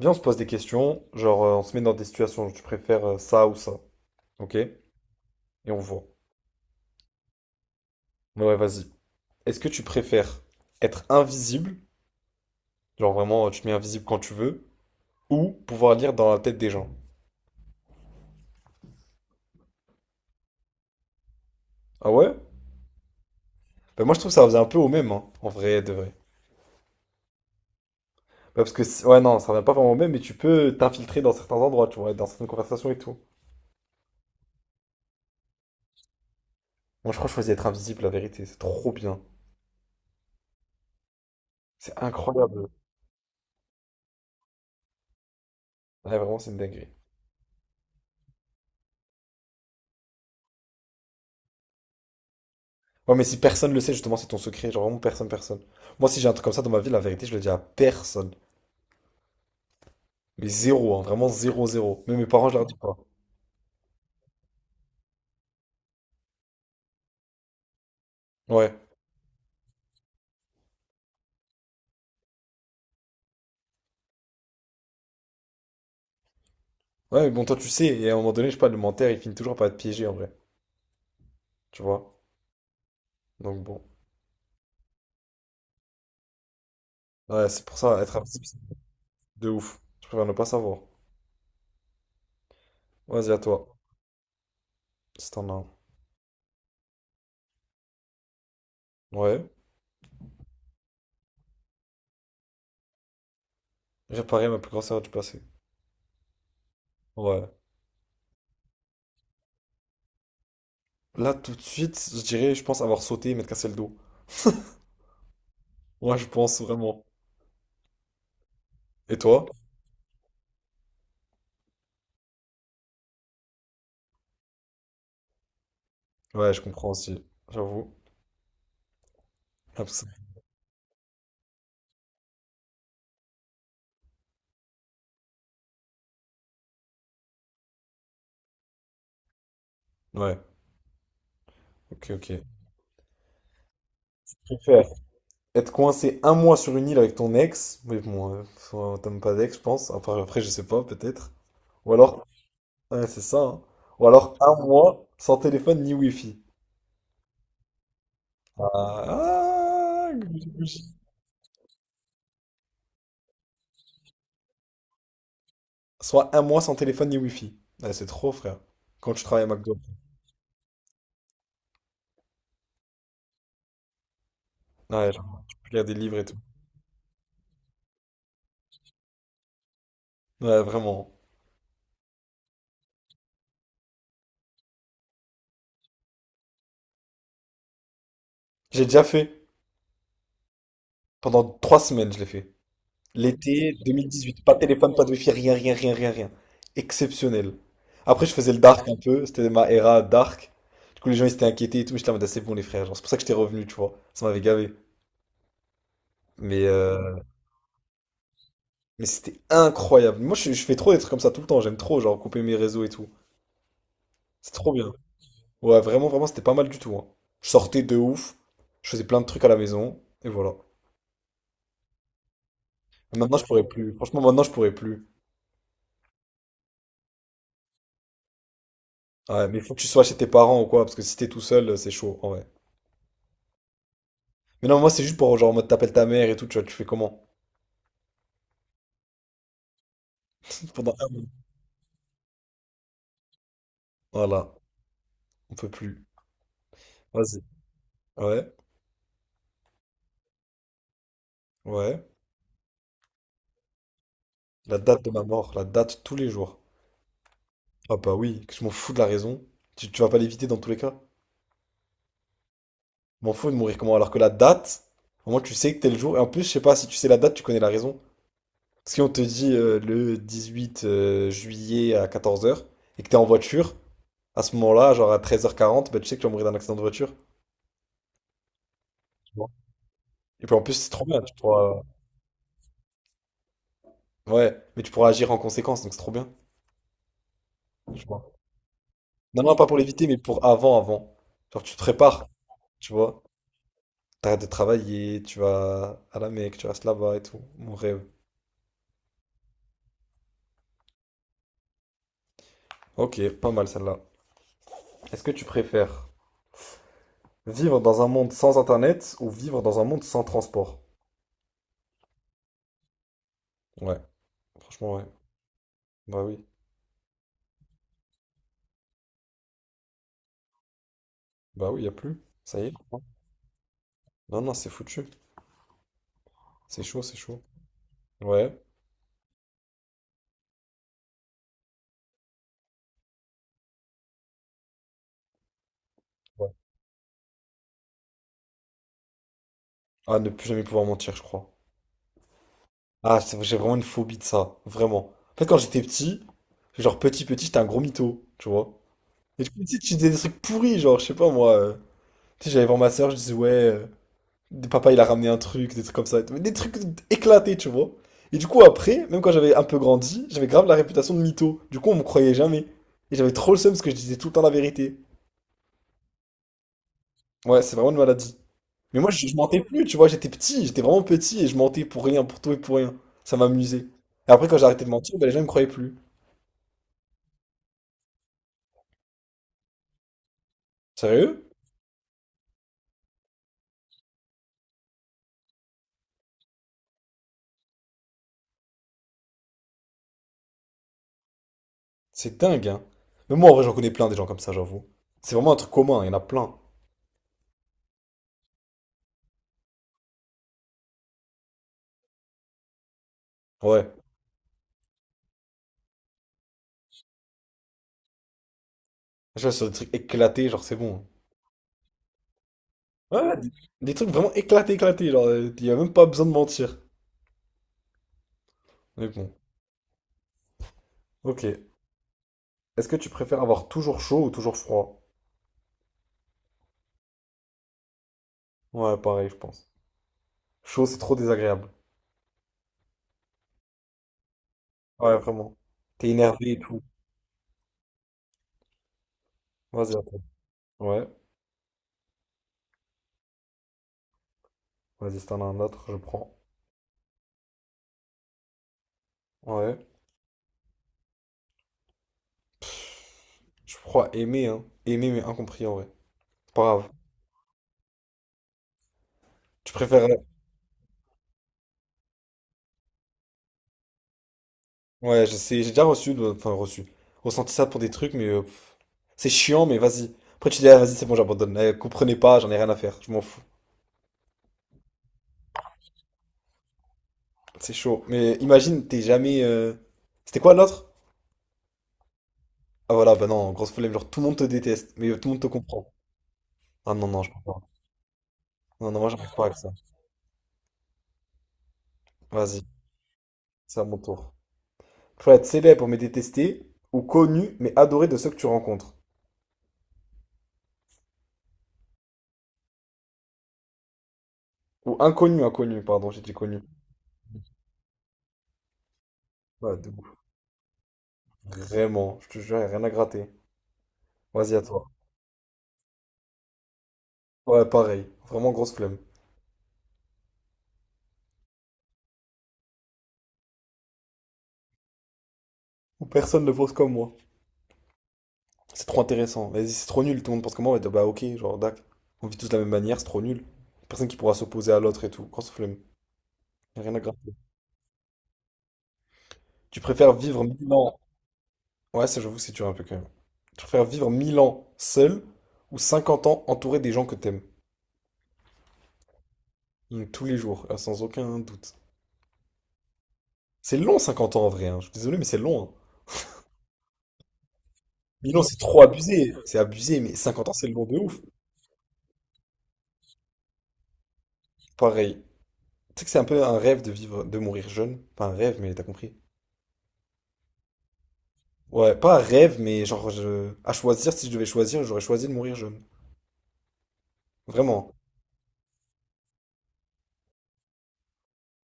Viens, on se pose des questions, genre on se met dans des situations, où tu préfères ça ou ça, ok? Et on voit. Mais ouais, vas-y. Est-ce que tu préfères être invisible, genre vraiment tu te mets invisible quand tu veux, ou pouvoir lire dans la tête des gens? Ah ouais? Bah moi je trouve que ça revient un peu au même, hein, en vrai, de vrai. Bah, parce que, ouais, non, ça revient pas vraiment au même, mais tu peux t'infiltrer dans certains endroits, tu vois, dans certaines conversations et tout. Moi je crois que je choisis être invisible, la vérité, c'est trop bien. C'est incroyable. Ouais, vraiment, c'est une dinguerie. Ouais, mais si personne le sait, justement, c'est ton secret. Genre vraiment personne, personne. Moi, si j'ai un truc comme ça dans ma vie, la vérité, je le dis à personne. Mais zéro, hein, vraiment zéro, zéro. Mais mes parents, je leur dis pas. Ouais. Ouais, mais bon, toi, tu sais. Et à un moment donné, je sais pas, le menteur, il finit toujours par être piégé, en vrai. Tu vois? Donc bon. Ouais, c'est pour ça, être invisible, c'est de ouf. Je préfère ne pas savoir. Vas-y, à toi. Si t'en as un. Ouais. Réparer ma plus grosse erreur du passé. Ouais. Là, tout de suite, je dirais, je pense avoir sauté et m'être cassé le dos. Ouais, je pense vraiment. Et toi? Ouais, je comprends aussi. J'avoue. Ah, ouais. Ok, ok. Je préfère être coincé un mois sur une île avec ton ex, mais bon, t'aimes pas d'ex, je pense. Après, je sais pas, peut-être. Ou alors, ouais, c'est ça, hein. Ou alors un mois sans téléphone ni wifi. Ah, ah, gougi, gougi. Soit un mois sans téléphone ni wifi. Ouais, c'est trop, frère. Quand tu travailles à McDo. Ouais, genre, tu peux lire des livres et tout. Ouais, vraiment. J'ai déjà fait. Pendant 3 semaines, je l'ai fait. L'été 2018, pas de téléphone, pas de wifi, rien, rien, rien, rien, rien. Exceptionnel. Après, je faisais le dark un peu, c'était ma era dark. Du coup, les gens ils s'étaient inquiétés et tout, mais j'étais en mode, ah, c'est bon, les frères, genre, c'est pour ça que j'étais revenu, tu vois. Ça m'avait gavé. Mais, euh, mais c'était incroyable. Moi, je fais trop des trucs comme ça tout le temps, j'aime trop, genre, couper mes réseaux et tout. C'est trop bien. Ouais, vraiment, vraiment, c'était pas mal du tout, hein. Je sortais de ouf, je faisais plein de trucs à la maison, et voilà. Mais maintenant, je pourrais plus. Franchement, maintenant, je pourrais plus. Ouais, mais il faut que tu sois chez tes parents ou quoi, parce que si t'es tout seul, c'est chaud, en vrai. Mais non, moi, c'est juste pour genre, en mode t'appelles ta mère et tout, tu vois, tu fais comment? Pendant un mois. Voilà, on peut plus. Vas-y. Ouais, ouais. La date de ma mort, la date tous les jours. Ah bah oui, que je m'en fous de la raison. Tu vas pas l'éviter dans tous les cas. Je m'en fous de mourir comment? Alors que la date, au moins tu sais que t'es le jour. Et en plus, je sais pas, si tu sais la date, tu connais la raison. Si on te dit le 18 juillet à 14h et que t'es en voiture, à ce moment-là, genre à 13h40, bah, tu sais que tu vas mourir d'un accident de voiture. Tu vois. Et puis en plus, c'est trop bien, tu pourras... Ouais, mais tu pourras agir en conséquence, donc c'est trop bien. Je vois. Non, non, pas pour l'éviter, mais pour avant, avant. Genre, tu te prépares, tu vois. T'arrêtes de travailler, tu vas à la Mecque, tu restes là-bas et tout. Mon rêve. Ok, pas mal celle-là. Est-ce que tu préfères vivre dans un monde sans internet ou vivre dans un monde sans transport? Ouais, franchement, ouais. Bah oui. Bah oui, y a plus. Ça y est, je crois. Non, non, c'est foutu. C'est chaud, c'est chaud. Ouais. Ouais. Ah, ne plus jamais pouvoir mentir, je crois. Ah, j'ai vraiment une phobie de ça. Vraiment. En fait, quand j'étais petit, genre petit, petit, j'étais un gros mytho, tu vois. Et du coup, tu sais, tu disais des trucs pourris, genre, je sais pas moi, tu sais, j'allais voir ma soeur, je disais, ouais, papa il a ramené un truc, des trucs comme ça. Mais des trucs éclatés, tu vois. Et du coup, après, même quand j'avais un peu grandi, j'avais grave la réputation de mytho. Du coup, on me croyait jamais. Et j'avais trop le seum parce que je disais tout le temps la vérité. Ouais, c'est vraiment une maladie. Mais moi, je mentais plus, tu vois, j'étais petit, j'étais vraiment petit et je mentais pour rien, pour tout et pour rien. Ça m'amusait. Et après, quand j'ai arrêté de mentir, ben, les gens me croyaient plus. Sérieux? C'est dingue, hein. Mais moi, en vrai, j'en connais plein des gens comme ça, j'avoue. C'est vraiment un truc commun, il y en a plein. Ouais. Je vois sur des trucs éclatés, genre c'est bon, hein. Ouais, ouais, des trucs vraiment éclatés, éclatés, genre y a même pas besoin de mentir. Mais bon, ok. Est-ce que tu préfères avoir toujours chaud ou toujours froid? Ouais, pareil, je pense. Chaud, c'est trop désagréable. Ouais, vraiment. T'es énervé et tout. Vas-y, attends. Ouais, vas-y, si t'en as un autre, je prends. Ouais. Je crois aimer, hein. Aimer, mais incompris, en vrai. C'est pas grave. Tu préfères... Ouais, je sais, j'ai déjà reçu, enfin, reçu. Ressenti ça pour des trucs, mais pff. C'est chiant, mais vas-y. Après, tu dis, ah, vas-y, c'est bon, j'abandonne. Eh, comprenez pas, j'en ai rien à faire. Je m'en fous. C'est chaud. Mais imagine, t'es jamais. C'était quoi l'autre? Ah voilà, bah non, grosse flemme. Genre, tout le monde te déteste, mais tout le monde te comprend. Ah non, non, je peux pas. Non, non, moi, j'arrive pas avec ça. Vas-y, c'est à mon tour. Faut être célèbre mais détesté, ou connu mais adoré de ceux que tu rencontres. Ou inconnu, inconnu, pardon, j'ai dit connu. Ouais, de ouf. Vraiment, je te jure, y a rien à gratter. Vas-y, à toi. Ouais, pareil. Vraiment grosse flemme. Ou personne ne pense comme moi. C'est trop intéressant. Vas-y, c'est trop nul. Tout le monde pense comme moi. Ouais, bah ok, genre, dac. On vit tous de la même manière, c'est trop nul. Personne qui pourra s'opposer à l'autre et tout. Grosse flemme. Y a rien à gratter. Tu préfères vivre 1000 ans. Ouais, ça, j'avoue, c'est dur un peu quand même. Tu préfères vivre 1000 ans seul ou 50 ans entouré des gens que t'aimes. Mm, tous les jours, sans aucun doute. C'est long 50 ans en vrai, hein. Je suis désolé, mais c'est long, hein. 1000 ans, c'est trop abusé. C'est abusé, mais 50 ans, c'est long de ouf. Pareil. Tu sais que c'est un peu un rêve de vivre, de mourir jeune. Pas un rêve, mais t'as compris. Ouais, pas un rêve, mais genre, à choisir, si je devais choisir, j'aurais choisi de mourir jeune. Vraiment.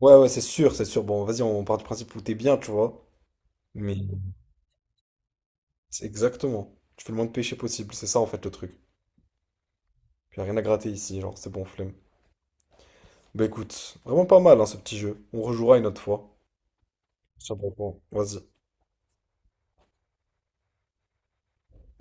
Ouais, ouais, c'est sûr, c'est sûr. Bon, vas-y, on part du principe où t'es bien, tu vois. Mais c'est exactement. Tu fais le moins de péché possible, c'est ça en fait le truc. Puis y a rien à gratter ici, genre, c'est bon, flemme. Bah écoute, vraiment pas mal hein, ce petit jeu. On rejouera une autre fois. Je sais pas quoi. Vas-y.